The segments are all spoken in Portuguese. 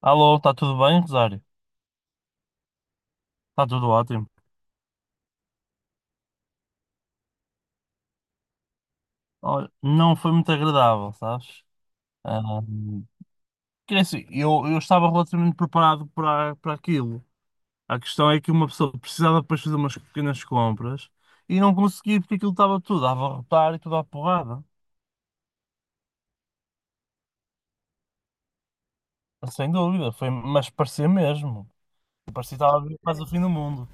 Alô, está tudo bem, Rosário? Está tudo ótimo. Olha, não foi muito agradável, sabes? Ahm, quer dizer, eu estava relativamente preparado para aquilo. A questão é que uma pessoa precisava depois fazer umas pequenas compras e não conseguia porque aquilo estava tudo a abarrotar e tudo à porrada. Sem dúvida, foi, mas parecia mesmo. Parecia que estava a vir quase o fim do mundo.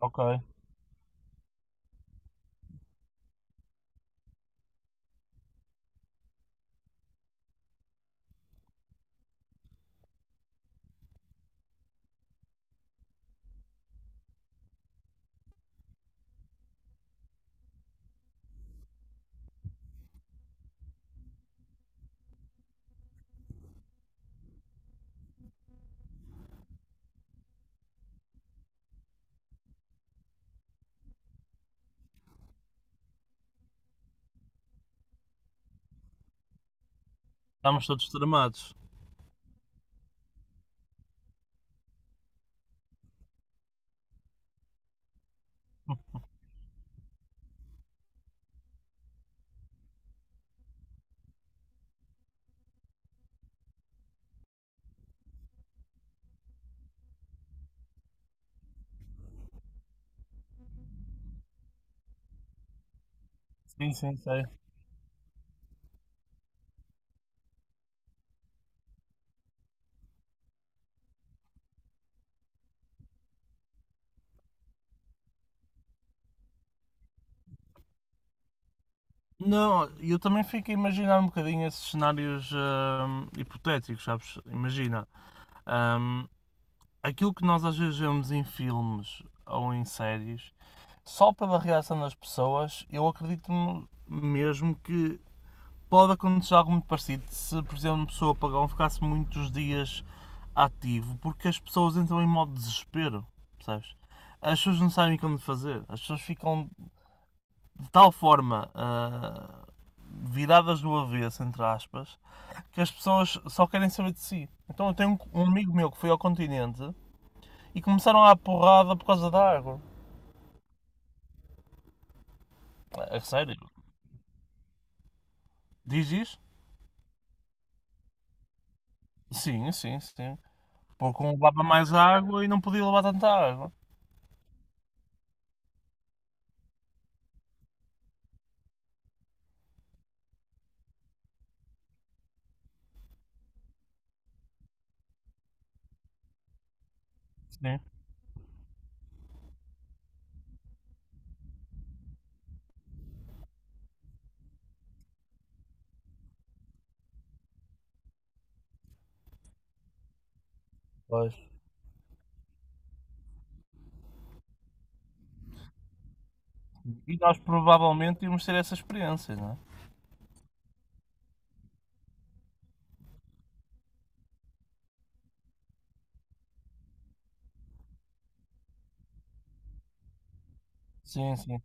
Ok, estamos todos tramados. Sim, sim, sei. Não, eu também fico a imaginar um bocadinho esses cenários hipotéticos, sabes? Imagina, hum, aquilo que nós às vezes vemos em filmes ou em séries, só pela reação das pessoas, eu acredito mesmo que pode acontecer algo muito parecido se, por exemplo, uma pessoa pagão ficasse muitos dias ativo, porque as pessoas entram em modo desespero, percebes? As pessoas não sabem como fazer, as pessoas ficam de tal forma viradas do avesso, entre aspas, que as pessoas só querem saber de si. Então eu tenho um amigo meu que foi ao continente e começaram a porrada por causa da água. É sério? Diz isso? Sim, sim, sim. Porque um levava mais água e não podia levar tanta água. Sim. Pois. E nós provavelmente íamos ter essa experiência, não é? Sim, sim.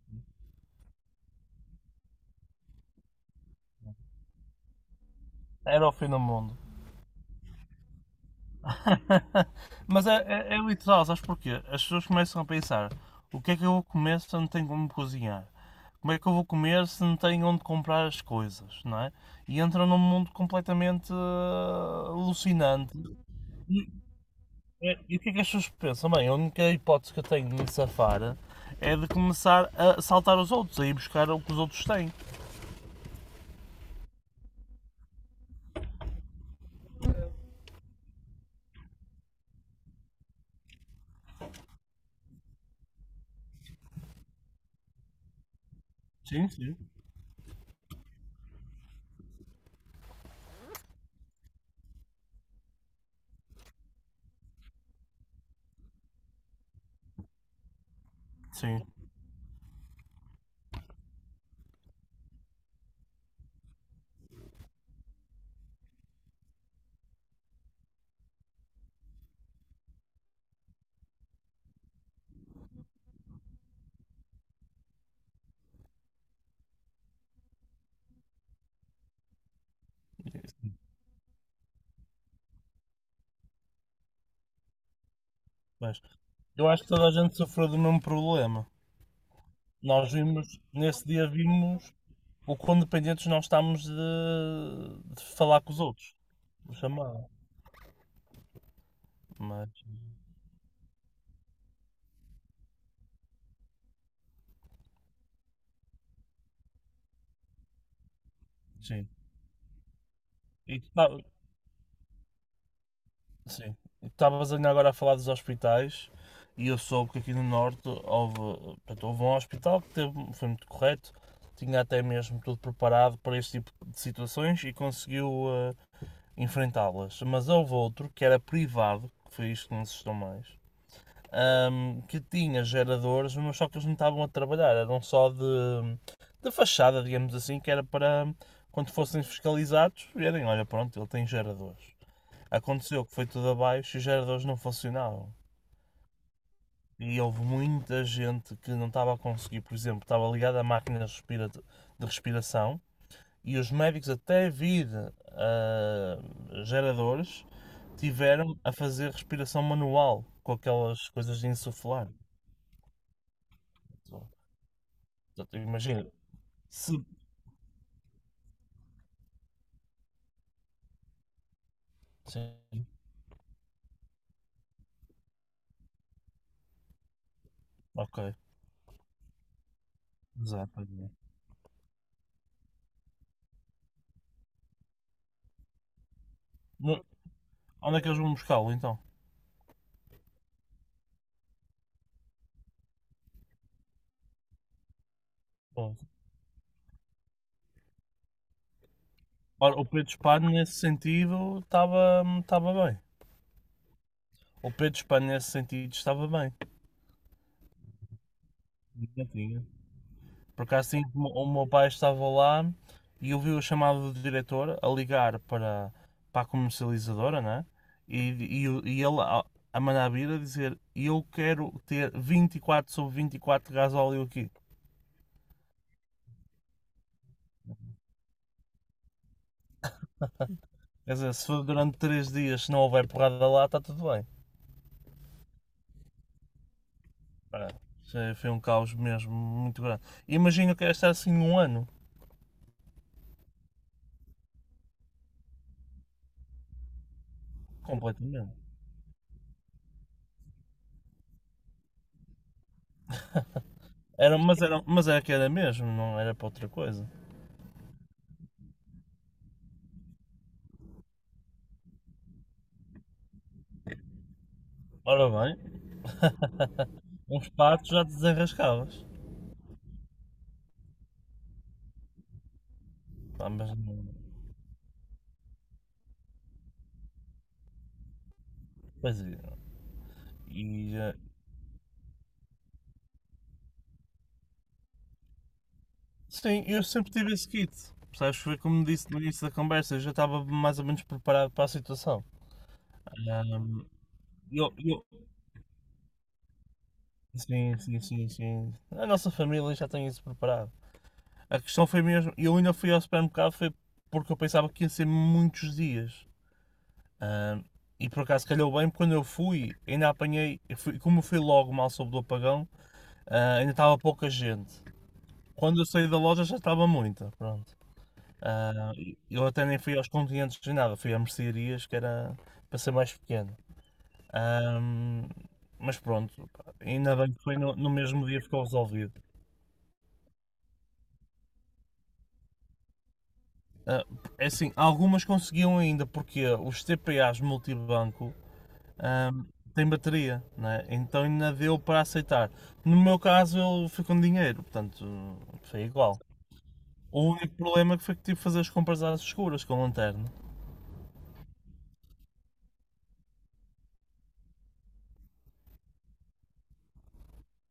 Era o fim do mundo. Mas é, é, é literal, sabes porquê? As pessoas começam a pensar: o que é que eu vou comer se eu não tenho como cozinhar? Como é que eu vou comer se não tenho onde comprar as coisas, não é? E entram num mundo completamente alucinante. E o que é que as pessoas pensam? Bem, a única hipótese que eu tenho de me safar é de começar a saltar os outros, a ir buscar o que os outros têm. Sim, sim. Sim. Mas eu acho que toda a gente sofreu do mesmo problema. Nós vimos, nesse dia vimos o quão dependentes nós estamos de falar com os outros, de chamar. Mas, sim. E tu tá- sim. E tu estavas ainda agora a falar dos hospitais e eu soube que aqui no Norte houve, portanto, houve um hospital que foi muito correto, tinha até mesmo tudo preparado para este tipo de situações e conseguiu eh, enfrentá-las. Mas houve outro que era privado, que foi isto que me assustou mais, que tinha geradores, mas só que eles não estavam a trabalhar, eram só de fachada, digamos assim, que era para quando fossem fiscalizados verem, olha pronto, ele tem geradores. Aconteceu que foi tudo abaixo e os geradores não funcionavam. E houve muita gente que não estava a conseguir, por exemplo, estava ligada a máquina de respiração e os médicos até vir ah, geradores tiveram a fazer respiração manual com aquelas coisas de insuflar. Exato, imagina, se. Sim, ok. Exato. Ok. No- Onde é que eles vão buscá-lo então? Bom, ora, o Pedro Espanho nesse sentido estava bem. O Pedro Espanho nesse sentido estava bem. Não tinha. Por acaso sim, o meu pai estava lá e eu vi o chamado do diretor a ligar para a comercializadora, né? E, e ele a mandar vir a dizer: eu quero ter 24 sobre 24 gasóleo aqui. Quer dizer, se for durante 3 dias, se não houver porrada lá, está tudo bem. Pá, foi um caos mesmo muito grande. Imagino que era estar assim um ano, completamente. Era, mas, era, mas era que era mesmo, não era para outra coisa. Ora bem, uns patos já te desenrascavas. Pá, mas não. Pois é. E, eh, sim, eu sempre tive esse kit. Percebes? Foi como disse no início da conversa, eu já estava mais ou menos preparado para a situação. Ahm, eu, eu- sim, sim, sim, sim. A nossa família já tem isso preparado. A questão foi mesmo. Eu ainda fui ao supermercado foi porque eu pensava que ia ser muitos dias. Ah, e por acaso calhou bem, porque quando eu fui, ainda apanhei. Como eu fui logo mal sobre o apagão, ah, ainda estava pouca gente. Quando eu saí da loja já estava muita, pronto. Ah, eu até nem fui aos continentes nem nada, fui a mercearias, que era para ser mais pequeno. Ah, mas pronto, pá, ainda bem que foi no mesmo dia ficou resolvido. Ah, é assim, algumas conseguiam ainda, porque os TPAs multibanco ahm, têm bateria, né? Então ainda deu para aceitar. No meu caso, eu fui com dinheiro, portanto, foi igual. O único problema que foi que tive que fazer as compras às escuras com lanterna.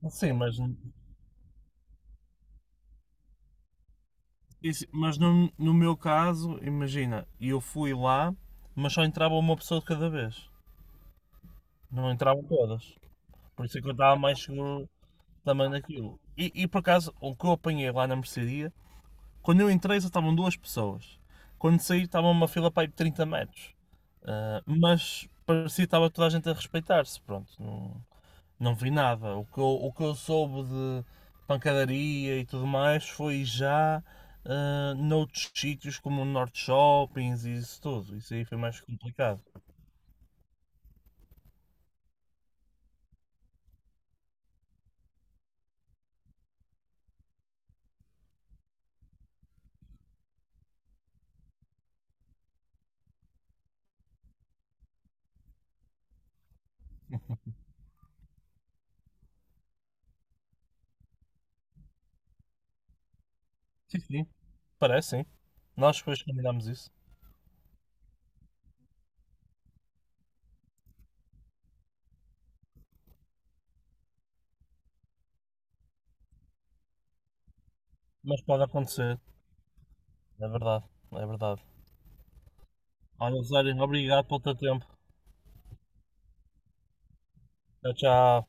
Sim, mas, mas no meu caso, imagina, eu fui lá, mas só entrava uma pessoa de cada vez, não entravam todas. Por isso é que eu estava mais seguro também daquilo. E por acaso, o que eu apanhei lá na mercearia quando eu entrei só estavam duas pessoas. Quando saí estava uma fila para aí de 30 metros. Ah, mas parecia que estava toda a gente a respeitar-se. Pronto, não, não vi nada. O que eu soube de pancadaria e tudo mais foi já noutros sítios como o Norte Shoppings e isso tudo. Isso aí foi mais complicado. Sim, sim. Parece, sim. Nós depois combinámos isso. Mas pode acontecer. É verdade, é verdade. Olha, Zé, obrigado pelo teu tempo. Tchau, tchau.